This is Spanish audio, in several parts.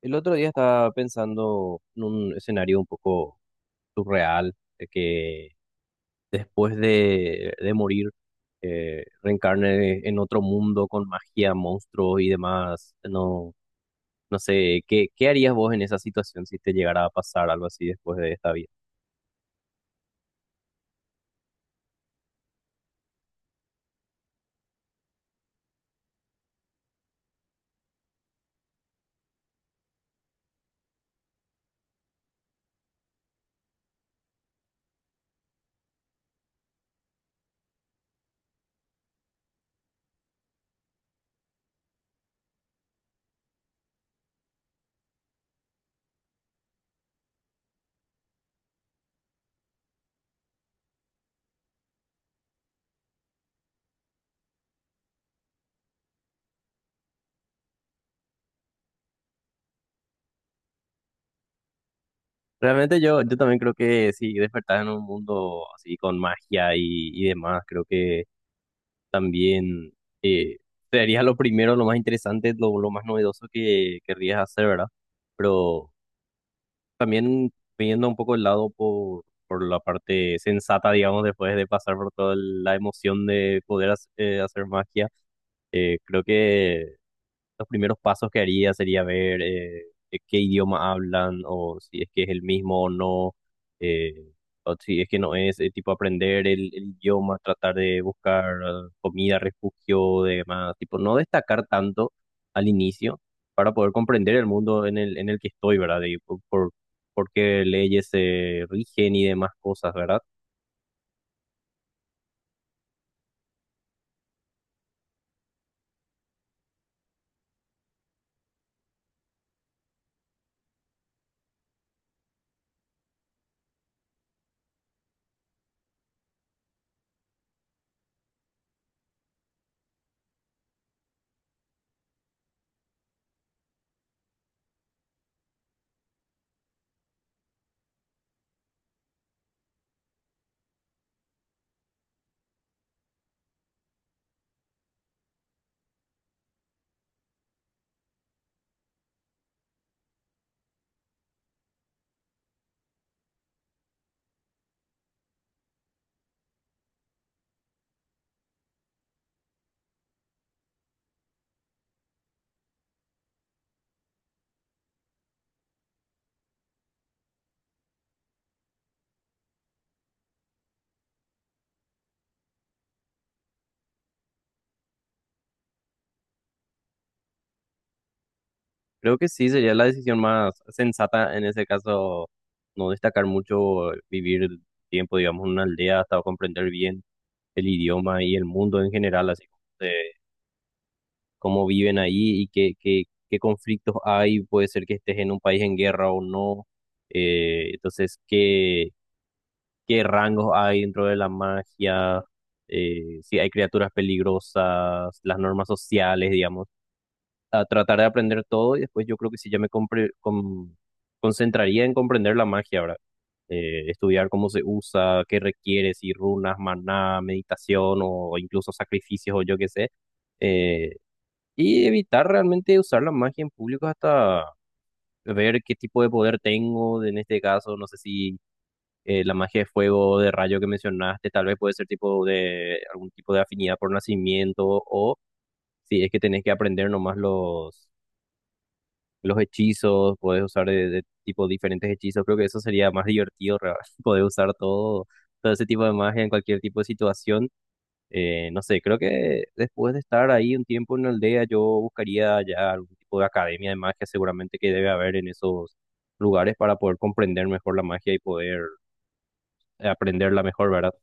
El otro día estaba pensando en un escenario un poco surreal, de que después de morir reencarne en otro mundo con magia, monstruos y demás. No, no sé, ¿qué harías vos en esa situación si te llegara a pasar algo así después de esta vida? Realmente yo también creo que si despertás en un mundo así con magia y demás, creo que también, eh, sería lo primero, lo más interesante, lo más novedoso que querrías hacer, ¿verdad? Pero también viendo un poco el lado por la parte sensata, digamos, después de pasar por toda la emoción de poder hacer magia, creo que los primeros pasos que haría sería ver qué idioma hablan o si es que es el mismo o no, eh, o si es que no es, tipo aprender el idioma, tratar de buscar comida, refugio, demás, tipo no destacar tanto al inicio para poder comprender el mundo en el que estoy, ¿verdad? Y por qué leyes se rigen y demás cosas, ¿verdad? Creo que sí, sería la decisión más sensata en ese caso, no destacar mucho, vivir el tiempo, digamos, en una aldea hasta comprender bien el idioma y el mundo en general, así como cómo viven ahí y qué conflictos hay, puede ser que estés en un país en guerra o no, entonces qué rangos hay dentro de la magia, si hay criaturas peligrosas, las normas sociales, digamos a tratar de aprender todo y después yo creo que sí ya me concentraría en comprender la magia, ¿verdad? Estudiar cómo se usa, qué requiere, si runas, maná, meditación o incluso sacrificios o yo qué sé. Eh, y evitar realmente usar la magia en público hasta ver qué tipo de poder tengo, en este caso, no sé si, la magia de fuego o de rayo que mencionaste, tal vez puede ser tipo de algún tipo de afinidad por nacimiento o si es que tenés que aprender nomás los hechizos, puedes usar de tipo diferentes hechizos, creo que eso sería más divertido, re- poder usar todo, todo ese tipo de magia en cualquier tipo de situación. No sé, creo que después de estar ahí un tiempo en la aldea, yo buscaría ya algún tipo de academia de magia, seguramente que debe haber en esos lugares para poder comprender mejor la magia y poder aprenderla mejor, ¿verdad?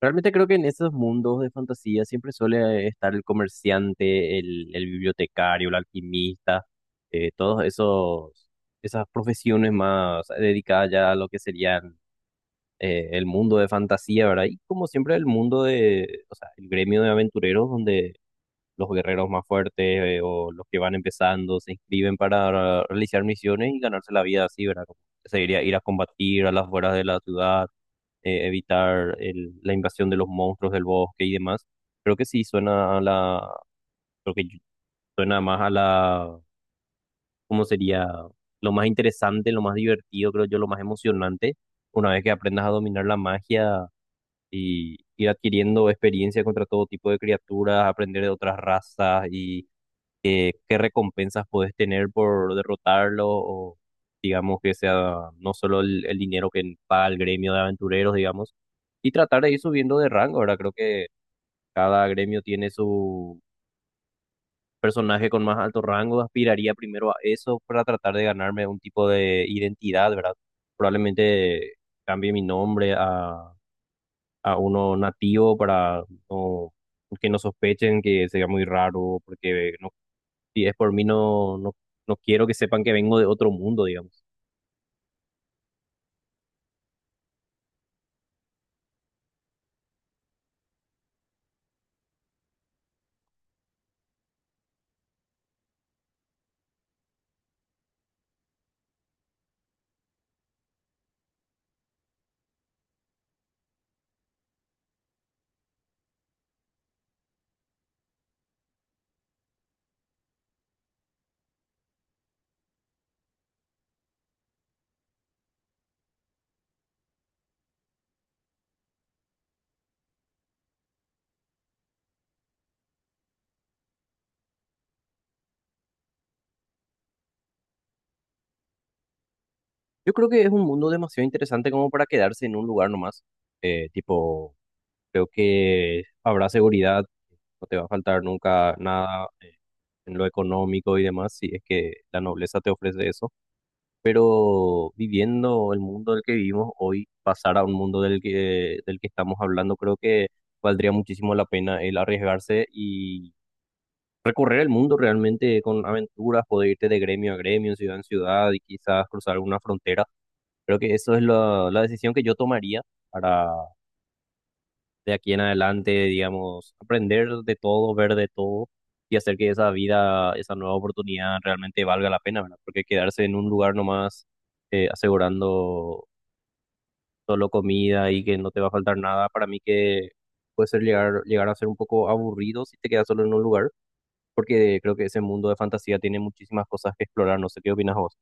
Realmente creo que en esos mundos de fantasía siempre suele estar el comerciante, el bibliotecario, el alquimista, todos esos, esas profesiones más dedicadas ya a lo que serían, el mundo de fantasía, ¿verdad? Y como siempre el mundo de, o sea, el gremio de aventureros donde los guerreros más fuertes, o los que van empezando se inscriben para realizar misiones y ganarse la vida así, ¿verdad? Como se diría ir a combatir a las afueras de la ciudad, evitar la invasión de los monstruos del bosque y demás. Creo que sí suena a la, creo que suena más a la, ¿cómo sería? Lo más interesante, lo más divertido, creo yo, lo más emocionante, una vez que aprendas a dominar la magia y ir adquiriendo experiencia contra todo tipo de criaturas, aprender de otras razas y, qué recompensas puedes tener por derrotarlo o digamos que sea no solo el dinero que paga el gremio de aventureros, digamos, y tratar de ir subiendo de rango, ¿verdad? Creo que cada gremio tiene su personaje con más alto rango, aspiraría primero a eso para tratar de ganarme un tipo de identidad, ¿verdad? Probablemente cambie mi nombre a uno nativo para no que no sospechen que sea muy raro porque no, si es por mí, no, no, no quiero que sepan que vengo de otro mundo, digamos. Yo creo que es un mundo demasiado interesante como para quedarse en un lugar nomás. Tipo, creo que habrá seguridad, no te va a faltar nunca nada, en lo económico y demás, si es que la nobleza te ofrece eso. Pero viviendo el mundo del que vivimos hoy, pasar a un mundo del que estamos hablando, creo que valdría muchísimo la pena el arriesgarse y recorrer el mundo realmente con aventuras, poder irte de gremio a gremio, ciudad en ciudad y quizás cruzar alguna frontera. Creo que eso es la, la decisión que yo tomaría para de aquí en adelante, digamos, aprender de todo, ver de todo y hacer que esa vida, esa nueva oportunidad realmente valga la pena, ¿verdad? Porque quedarse en un lugar nomás, asegurando solo comida y que no te va a faltar nada, para mí que puede ser llegar, llegar a ser un poco aburrido si te quedas solo en un lugar, porque creo que ese mundo de fantasía tiene muchísimas cosas que explorar, no sé qué opinas vos.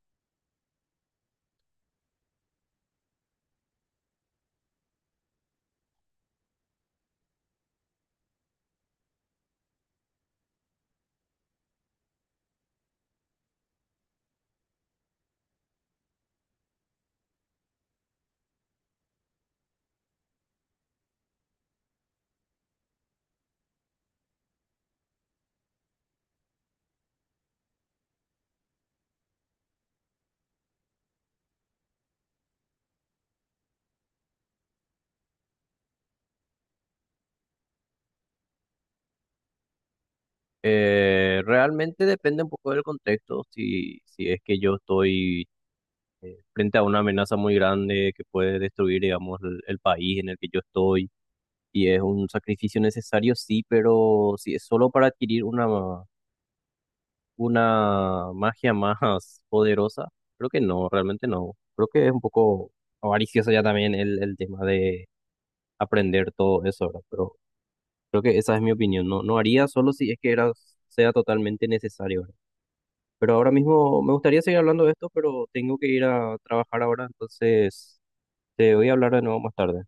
Realmente depende un poco del contexto, si es que yo estoy frente a una amenaza muy grande que puede destruir, digamos, el país en el que yo estoy, y es un sacrificio necesario, sí, pero si es solo para adquirir una magia más poderosa, creo que no, realmente no. Creo que es un poco avaricioso ya también el tema de aprender todo eso, ¿verdad? Pero creo que esa es mi opinión. No, no haría solo si es que era, sea totalmente necesario, ¿verdad? Pero ahora mismo me gustaría seguir hablando de esto, pero tengo que ir a trabajar ahora, entonces te voy a hablar de nuevo más tarde.